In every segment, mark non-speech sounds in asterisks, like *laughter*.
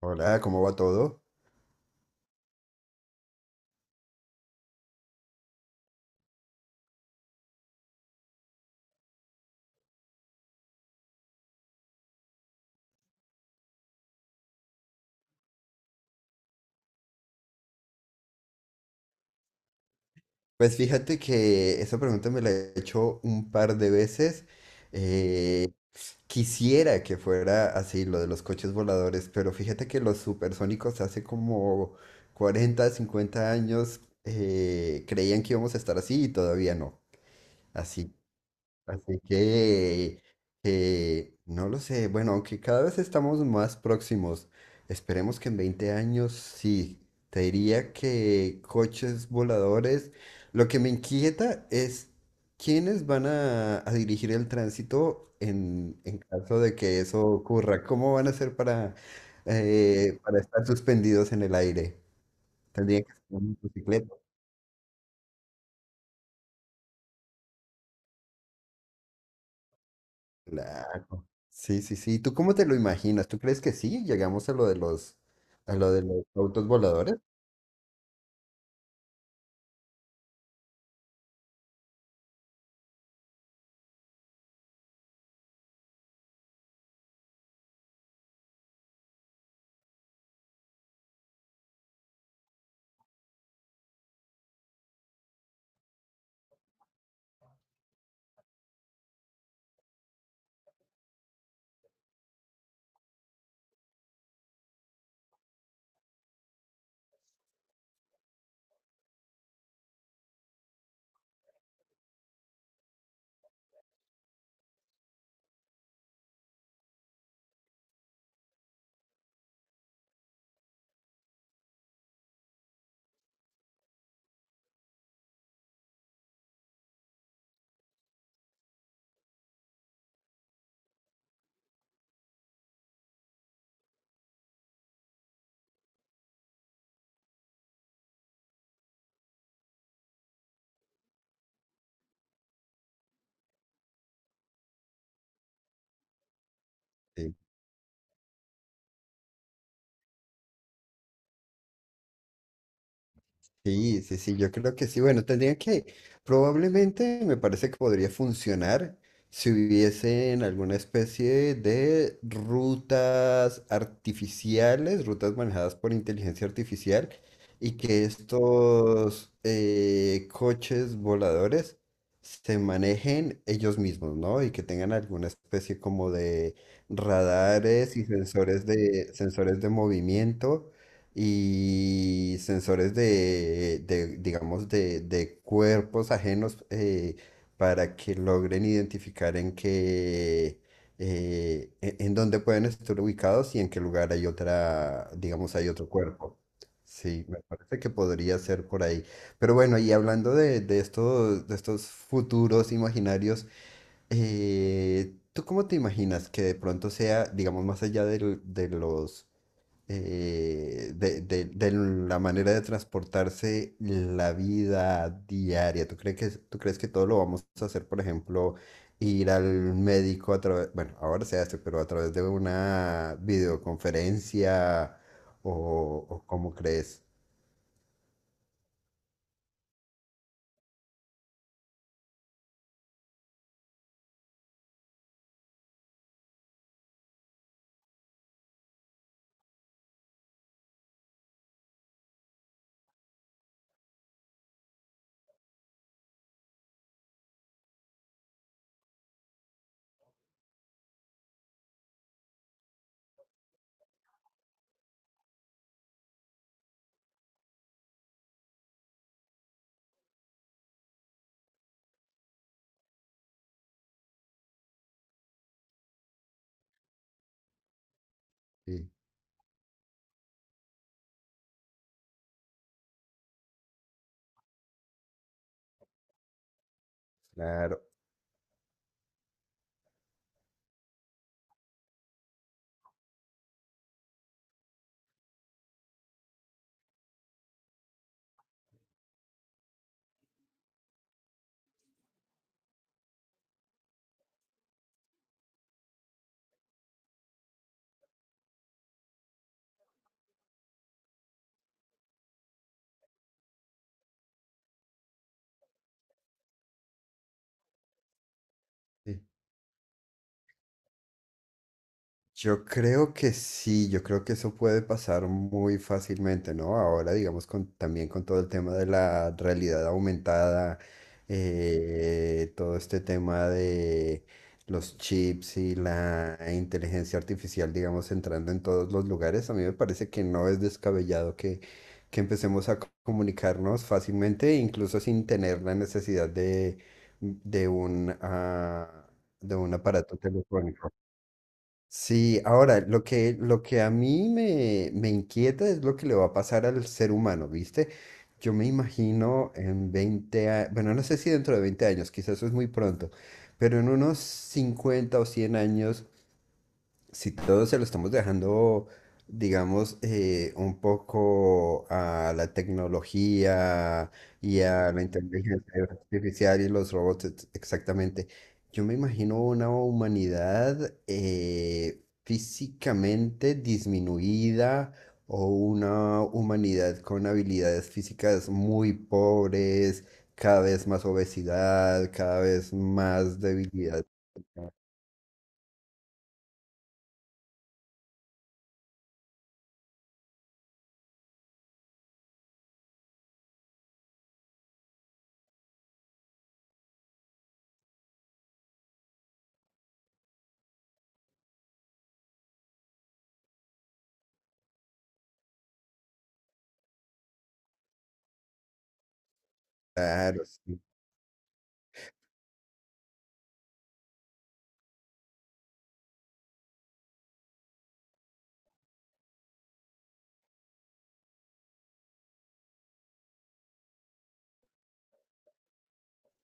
Hola, ¿cómo va todo? Pues fíjate que esa pregunta me la he hecho un par de veces. Eh, Quisiera que fuera así lo de los coches voladores, pero fíjate que los supersónicos hace como 40, 50 años creían que íbamos a estar así y todavía no. Así Así que, no lo sé. Bueno, aunque cada vez estamos más próximos, esperemos que en 20 años sí. Te diría que coches voladores. Lo que me inquieta es quiénes van a dirigir el tránsito en caso de que eso ocurra. ¿Cómo van a hacer para estar suspendidos en el aire? Tendrían que ser una motocicleta. Claro. Sí, sí, sí. ¿Tú cómo te lo imaginas? ¿Tú crees que sí? ¿Llegamos a lo de los, autos voladores? Sí. Sí, sí, sí, yo creo que sí. Bueno, probablemente me parece que podría funcionar si hubiesen alguna especie de rutas artificiales, rutas manejadas por inteligencia artificial, y que estos coches voladores se manejen ellos mismos, ¿no? Y que tengan alguna especie como de radares y sensores de movimiento y sensores digamos, de cuerpos ajenos para que logren identificar en dónde pueden estar ubicados y en qué lugar hay digamos, hay otro cuerpo. Sí, me parece que podría ser por ahí. Pero bueno, y hablando de estos futuros imaginarios, ¿tú cómo te imaginas que de pronto sea, digamos, más allá de la manera de transportarse la vida diaria. ¿Tú crees que todo lo vamos a hacer, por ejemplo, ir al médico a través, bueno, ahora se hace, pero a través de una videoconferencia o cómo crees? Sí, claro. Sí. Yo creo que sí, yo creo que eso puede pasar muy fácilmente, ¿no? Ahora, digamos, con, también con todo el tema de la realidad aumentada, todo este tema de los chips y la inteligencia artificial, digamos, entrando en todos los lugares, a mí me parece que no es descabellado que empecemos a comunicarnos fácilmente, incluso sin tener la necesidad de un, ah, de un aparato telefónico. Sí, ahora, lo que a mí me inquieta es lo que le va a pasar al ser humano, ¿viste? Yo me imagino en veinte años, bueno, no sé si dentro de 20 años, quizás eso es muy pronto, pero en unos 50 o 100 años, si todo se lo estamos dejando, digamos, un poco a la tecnología y a la inteligencia artificial y los robots, exactamente, yo me imagino una humanidad físicamente disminuida o una humanidad con habilidades físicas muy pobres, cada vez más obesidad, cada vez más debilidad. Claro, sí.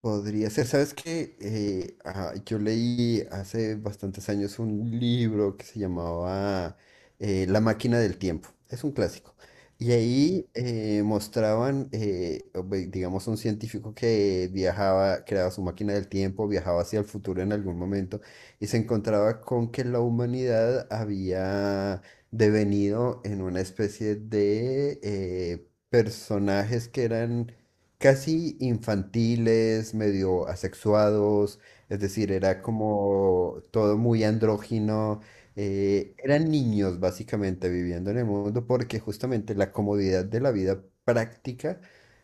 Podría ser, ¿sabes qué? Yo leí hace bastantes años un libro que se llamaba La máquina del tiempo. Es un clásico. Y ahí mostraban, digamos, un científico que viajaba, creaba su máquina del tiempo, viajaba hacia el futuro en algún momento y se encontraba con que la humanidad había devenido en una especie de personajes que eran casi infantiles, medio asexuados, es decir, era como todo muy andrógino. Eran niños básicamente viviendo en el mundo porque justamente la comodidad de la vida práctica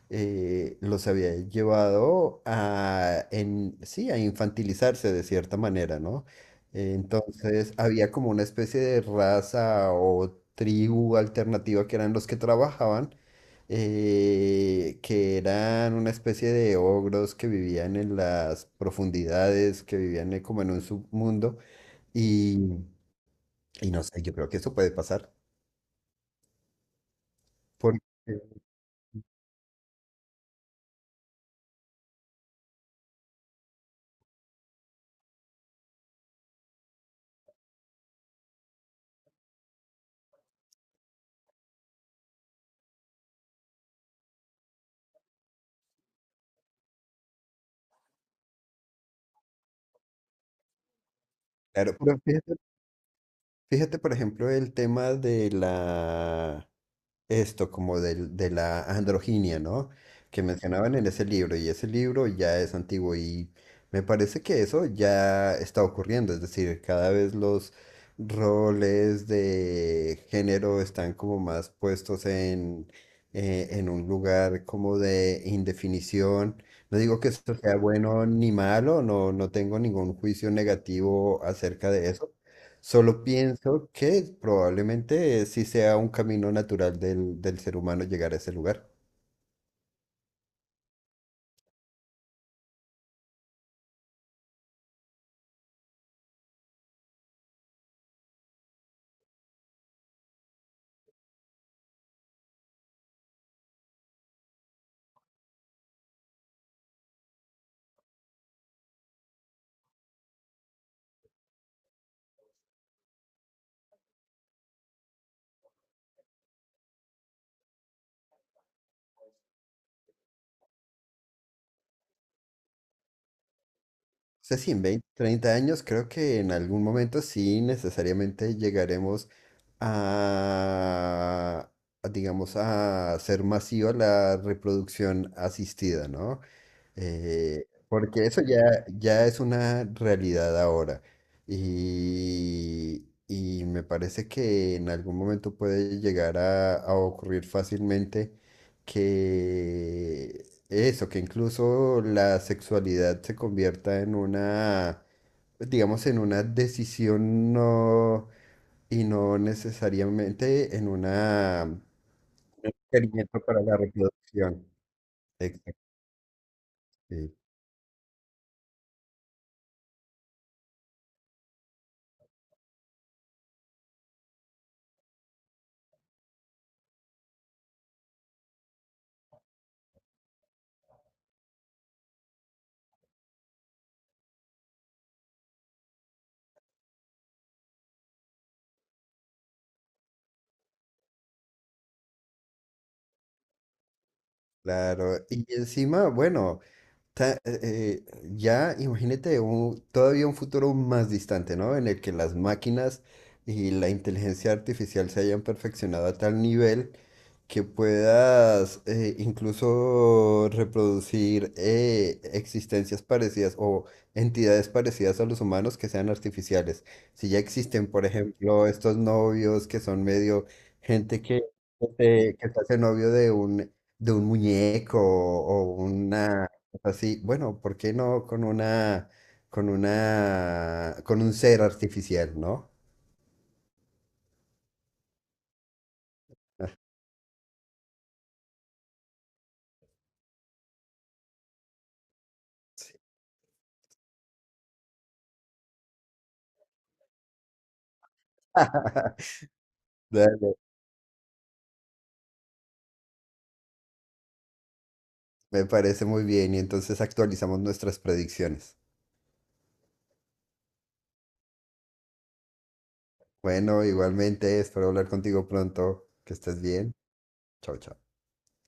los había llevado sí, a infantilizarse de cierta manera, ¿no? Entonces había como una especie de raza o tribu alternativa que eran los que trabajaban que eran una especie de ogros que vivían en las profundidades, que vivían como en un submundo. Y, y no sé, yo creo que eso puede pasar. Porque, claro, pero fíjate, por ejemplo, el tema de la, esto como del- de, la androginia, ¿no? Que mencionaban en ese libro y ese libro ya es antiguo y me parece que eso ya está ocurriendo, es decir, cada vez los roles de género están como más puestos en un lugar como de indefinición. No digo que esto sea bueno ni malo, no, no tengo ningún juicio negativo acerca de eso. Solo pienso que probablemente sí sea un camino natural del ser humano llegar a ese lugar. O sea, sí, en 20 30 años creo que en algún momento sí necesariamente llegaremos a, digamos, a ser masiva la reproducción asistida, ¿no? Eh, porque eso ya, ya es una realidad ahora. Y me parece que en algún momento puede llegar a ocurrir fácilmente que eso, que incluso la sexualidad se convierta en digamos, en una decisión no, y no necesariamente en un experimento para la reproducción. Exacto. Claro, y encima, bueno, ta- eh, eh, ya imagínate todavía un futuro más distante, ¿no? En el que las máquinas y la inteligencia artificial se hayan perfeccionado a tal nivel que puedas incluso reproducir existencias parecidas o entidades parecidas a los humanos que sean artificiales. Si ya existen, por ejemplo, estos novios que son medio gente que se hace novio de un muñeco o una cosa así, bueno, ¿por qué no con con un ser artificial, ¿no? *laughs* Me parece muy bien y entonces actualizamos nuestras predicciones. Bueno, igualmente, espero hablar contigo pronto. Que estés bien. Chao, chao.